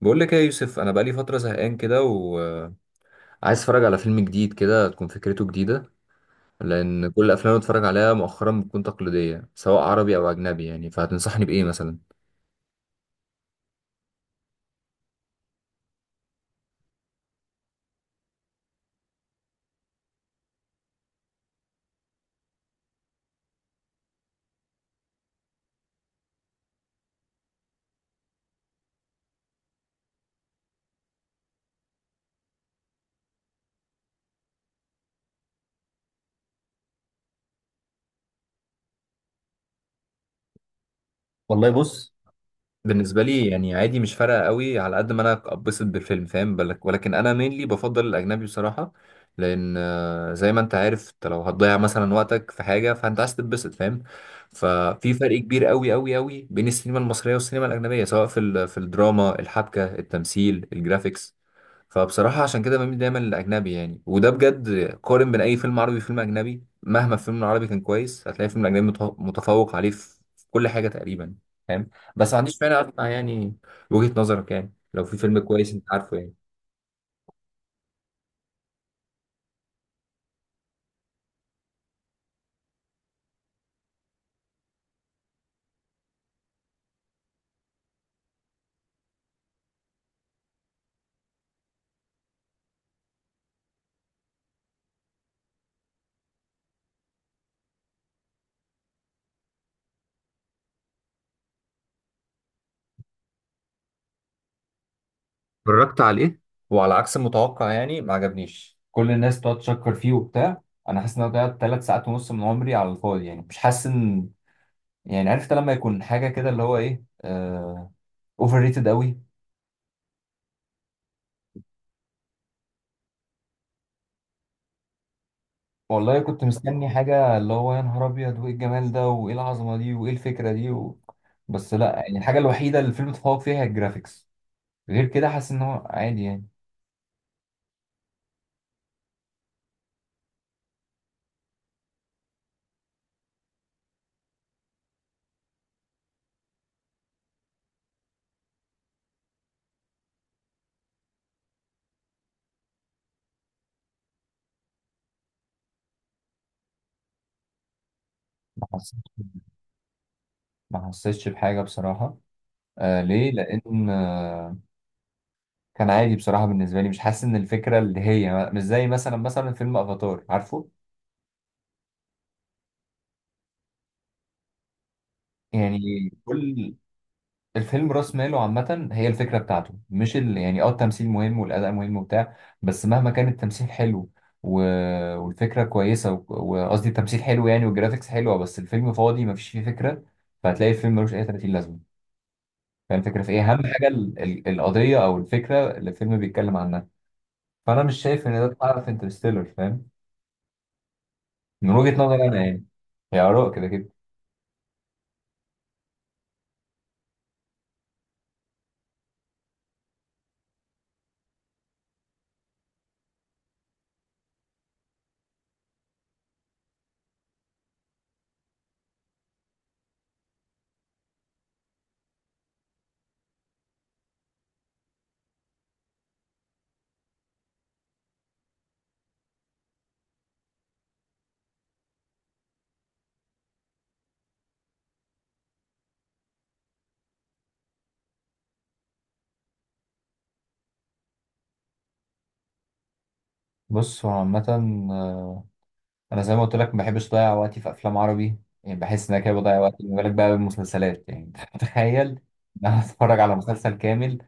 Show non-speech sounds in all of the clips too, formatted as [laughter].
بقول لك ايه يا يوسف؟ انا بقالي فتره زهقان كده وعايز اتفرج على فيلم جديد كده تكون فكرته جديده، لان كل الافلام اللي بتفرج عليها مؤخرا بتكون تقليديه سواء عربي او اجنبي. يعني فهتنصحني بايه مثلا؟ والله بص، بالنسبه لي يعني عادي، مش فارقه قوي على قد ما انا اتبسط بالفيلم، فاهم بالك؟ ولكن انا مينلي بفضل الاجنبي بصراحه. لان زي ما انت عارف، انت لو هتضيع مثلا وقتك في حاجه فانت عايز تتبسط، فاهم؟ ففي فرق كبير قوي قوي قوي بين السينما المصريه والسينما الاجنبيه، سواء في الدراما، الحبكه، التمثيل، الجرافيكس. فبصراحة عشان كده بميل دايما للأجنبي يعني، وده بجد. قارن بين أي فيلم عربي وفيلم أجنبي، مهما الفيلم العربي كان كويس هتلاقي الفيلم الأجنبي متفوق عليه في كل حاجة تقريبا. فاهم؟ بس ما عنديش مانع أسمع يعني وجهة نظرك، يعني لو في فيلم كويس أنت عارفه يعني. اتفرجت على ايه؟ وعلى عكس المتوقع يعني، ما عجبنيش. كل الناس بتقعد تشكر فيه وبتاع. أنا حاسس إن أنا ضيعت 3 ساعات ونص من عمري على الفاضي، يعني مش حاسس إن، يعني عرفت لما يكون حاجة كده اللي هو إيه، اوفر ريتد قوي. والله كنت مستني حاجة اللي هو يا نهار أبيض، وإيه الجمال ده وإيه العظمة دي وإيه الفكرة دي بس لأ يعني، الحاجة الوحيدة اللي الفيلم اتفوق فيها هي الجرافيكس. غير كده حاسس إن هو عادي يعني. ما حسيتش ما حسيتش بحاجة بصراحة. آه ليه؟ لأن كان عادي بصراحة بالنسبة لي، مش حاسس إن الفكرة اللي هي مش زي مثلا فيلم أفاتار، عارفه؟ يعني كل الفيلم راس ماله عامة هي الفكرة بتاعته، مش ال... يعني اه التمثيل مهم والأداء مهم وبتاع، بس مهما كان التمثيل حلو و... والفكرة كويسة وقصدي التمثيل حلو يعني والجرافيكس حلوة، بس الفيلم فاضي مفيش فيه فكرة. فهتلاقي الفيلم ملوش أي 30 لازمة. فاهم الفكرة في إيه؟ أهم حاجة القضية أو الفكرة اللي الفيلم بيتكلم عنها. فأنا مش شايف إن ده اتحقق في انترستيلر، فاهم؟ من وجهة نظري أنا يعني، هي آراء كده كده. بص هو عامة، انا زي ما قلت لك ما بحبش اضيع وقتي في افلام عربي. يعني بحس ان انا كده بضيع وقتي، ما بالك بقى بالمسلسلات يعني. [laughs] تخيل ان انا اتفرج على مسلسل كامل!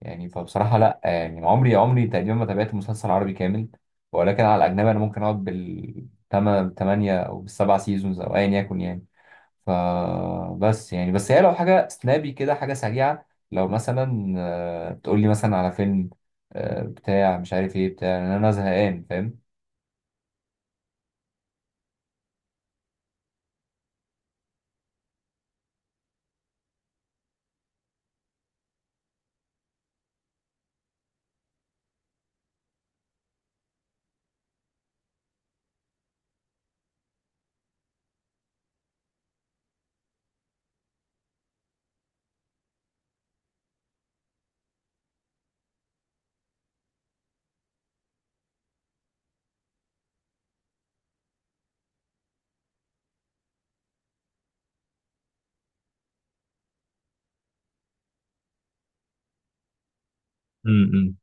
يعني فبصراحه لا يعني، عمري تقريبا ما تابعت مسلسل عربي كامل. ولكن على الاجنبي انا ممكن اقعد بالثمانية او بالسبع سيزونز، او ايا يكن يعني. فبس يعني، بس هي لو حاجه سنابي كده، حاجه سريعه. لو مثلا تقول لي مثلا على فيلم بتاع مش عارف ايه، بتاع ان انا زهقان، فاهم؟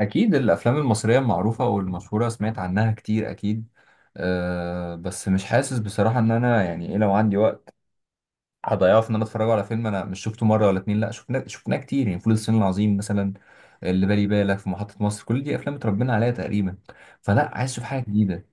أكيد الأفلام المصرية المعروفة والمشهورة سمعت عنها كتير أكيد. أه بس مش حاسس بصراحة إن أنا، يعني إيه، لو عندي وقت هضيعه في إن أنا أتفرج على فيلم أنا مش شفته مرة ولا اتنين؟ لأ، شفناه شفناه كتير يعني، فول الصين العظيم مثلا، اللي بالي بالك في محطة مصر، كل دي أفلام اتربينا عليها تقريبا. فلأ، عايز أشوف حاجة جديدة.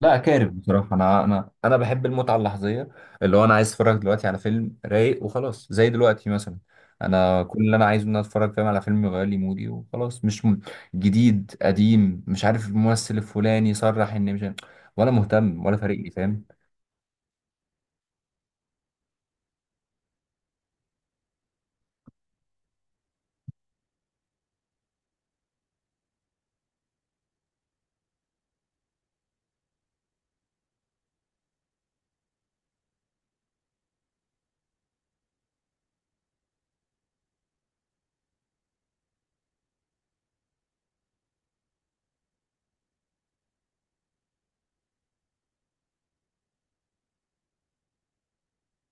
لا كارف بصراحة، أنا بحب المتعة اللحظية، اللي هو أنا عايز أتفرج دلوقتي على فيلم رايق وخلاص، زي دلوقتي مثلا. أنا كل اللي أنا عايزه إن أنا أتفرج، فاهم، على فيلم يغير لي مودي وخلاص، مش م... جديد قديم مش عارف الممثل الفلاني صرح إن مش عارف- ولا مهتم ولا فارق لي، فاهم؟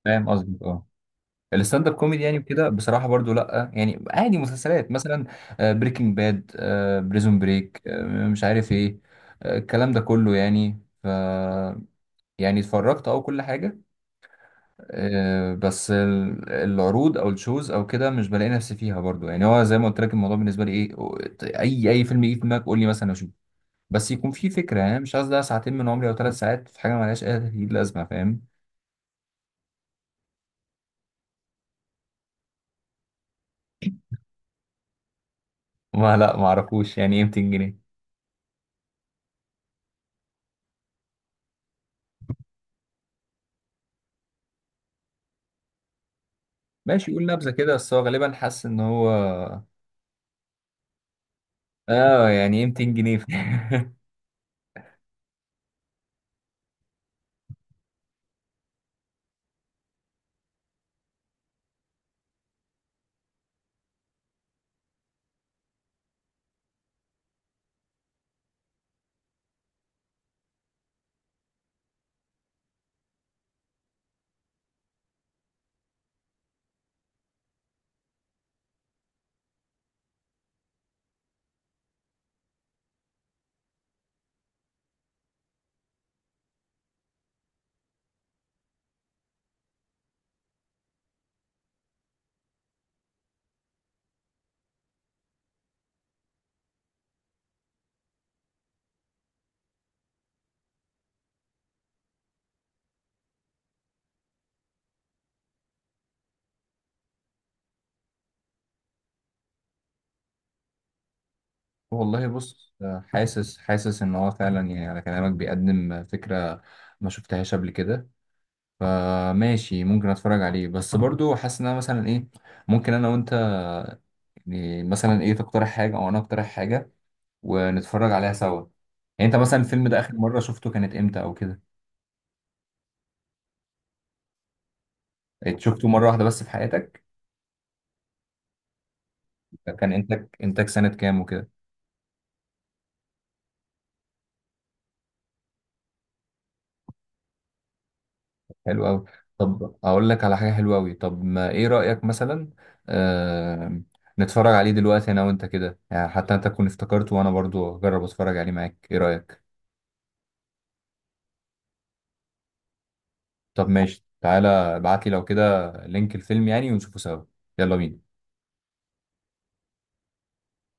فاهم قصدي؟ أه الستاند اب كوميدي يعني وكده، بصراحة برضو لأ يعني عادي. مسلسلات مثلا، بريكنج باد، بريزون بريك، مش عارف إيه، الكلام ده كله يعني ف. يعني اتفرجت أه كل حاجة. بس العروض او الشوز او كده مش بلاقي نفسي فيها برضو يعني. هو زي ما قلت لك، الموضوع بالنسبه لي ايه اي فيلم يجي في دماغك قول لي، مثلا اشوف. بس يكون في فكره يعني، مش عايز ده ساعتين من عمري او 3 ساعات في حاجه مالهاش اي تأكيد لازمه، فاهم؟ [laughs] ما لا، ما اعرفوش يعني ايه 200 جنيه. ماشي يقول نبذه كده، بس هو غالبا حاسس ان هو. اه، يعني ايه 200 جنيه؟ [laughs] والله بص، حاسس ان هو فعلا يعني على كلامك بيقدم فكره ما شفتهاش قبل كده. فماشي ممكن اتفرج عليه، بس برضو حاسس ان انا مثلا ايه، ممكن انا وانت، يعني مثلا ايه، تقترح حاجه او انا اقترح حاجه ونتفرج عليها سوا. يعني انت مثلا الفيلم ده اخر مره شفته كانت امتى او كده؟ إيه، شفته مره واحده بس في حياتك؟ كان انتاج سنه كام وكده؟ حلو قوي. طب اقول لك على حاجه حلوه قوي. طب ما ايه رايك مثلا آه... نتفرج عليه دلوقتي انا وانت كده يعني، حتى انت تكون افتكرته وانا برضو اجرب اتفرج عليه معاك. ايه رايك؟ طب ماشي، تعالى ابعت لي لو كده لينك الفيلم يعني، ونشوفه سوا. يلا بينا.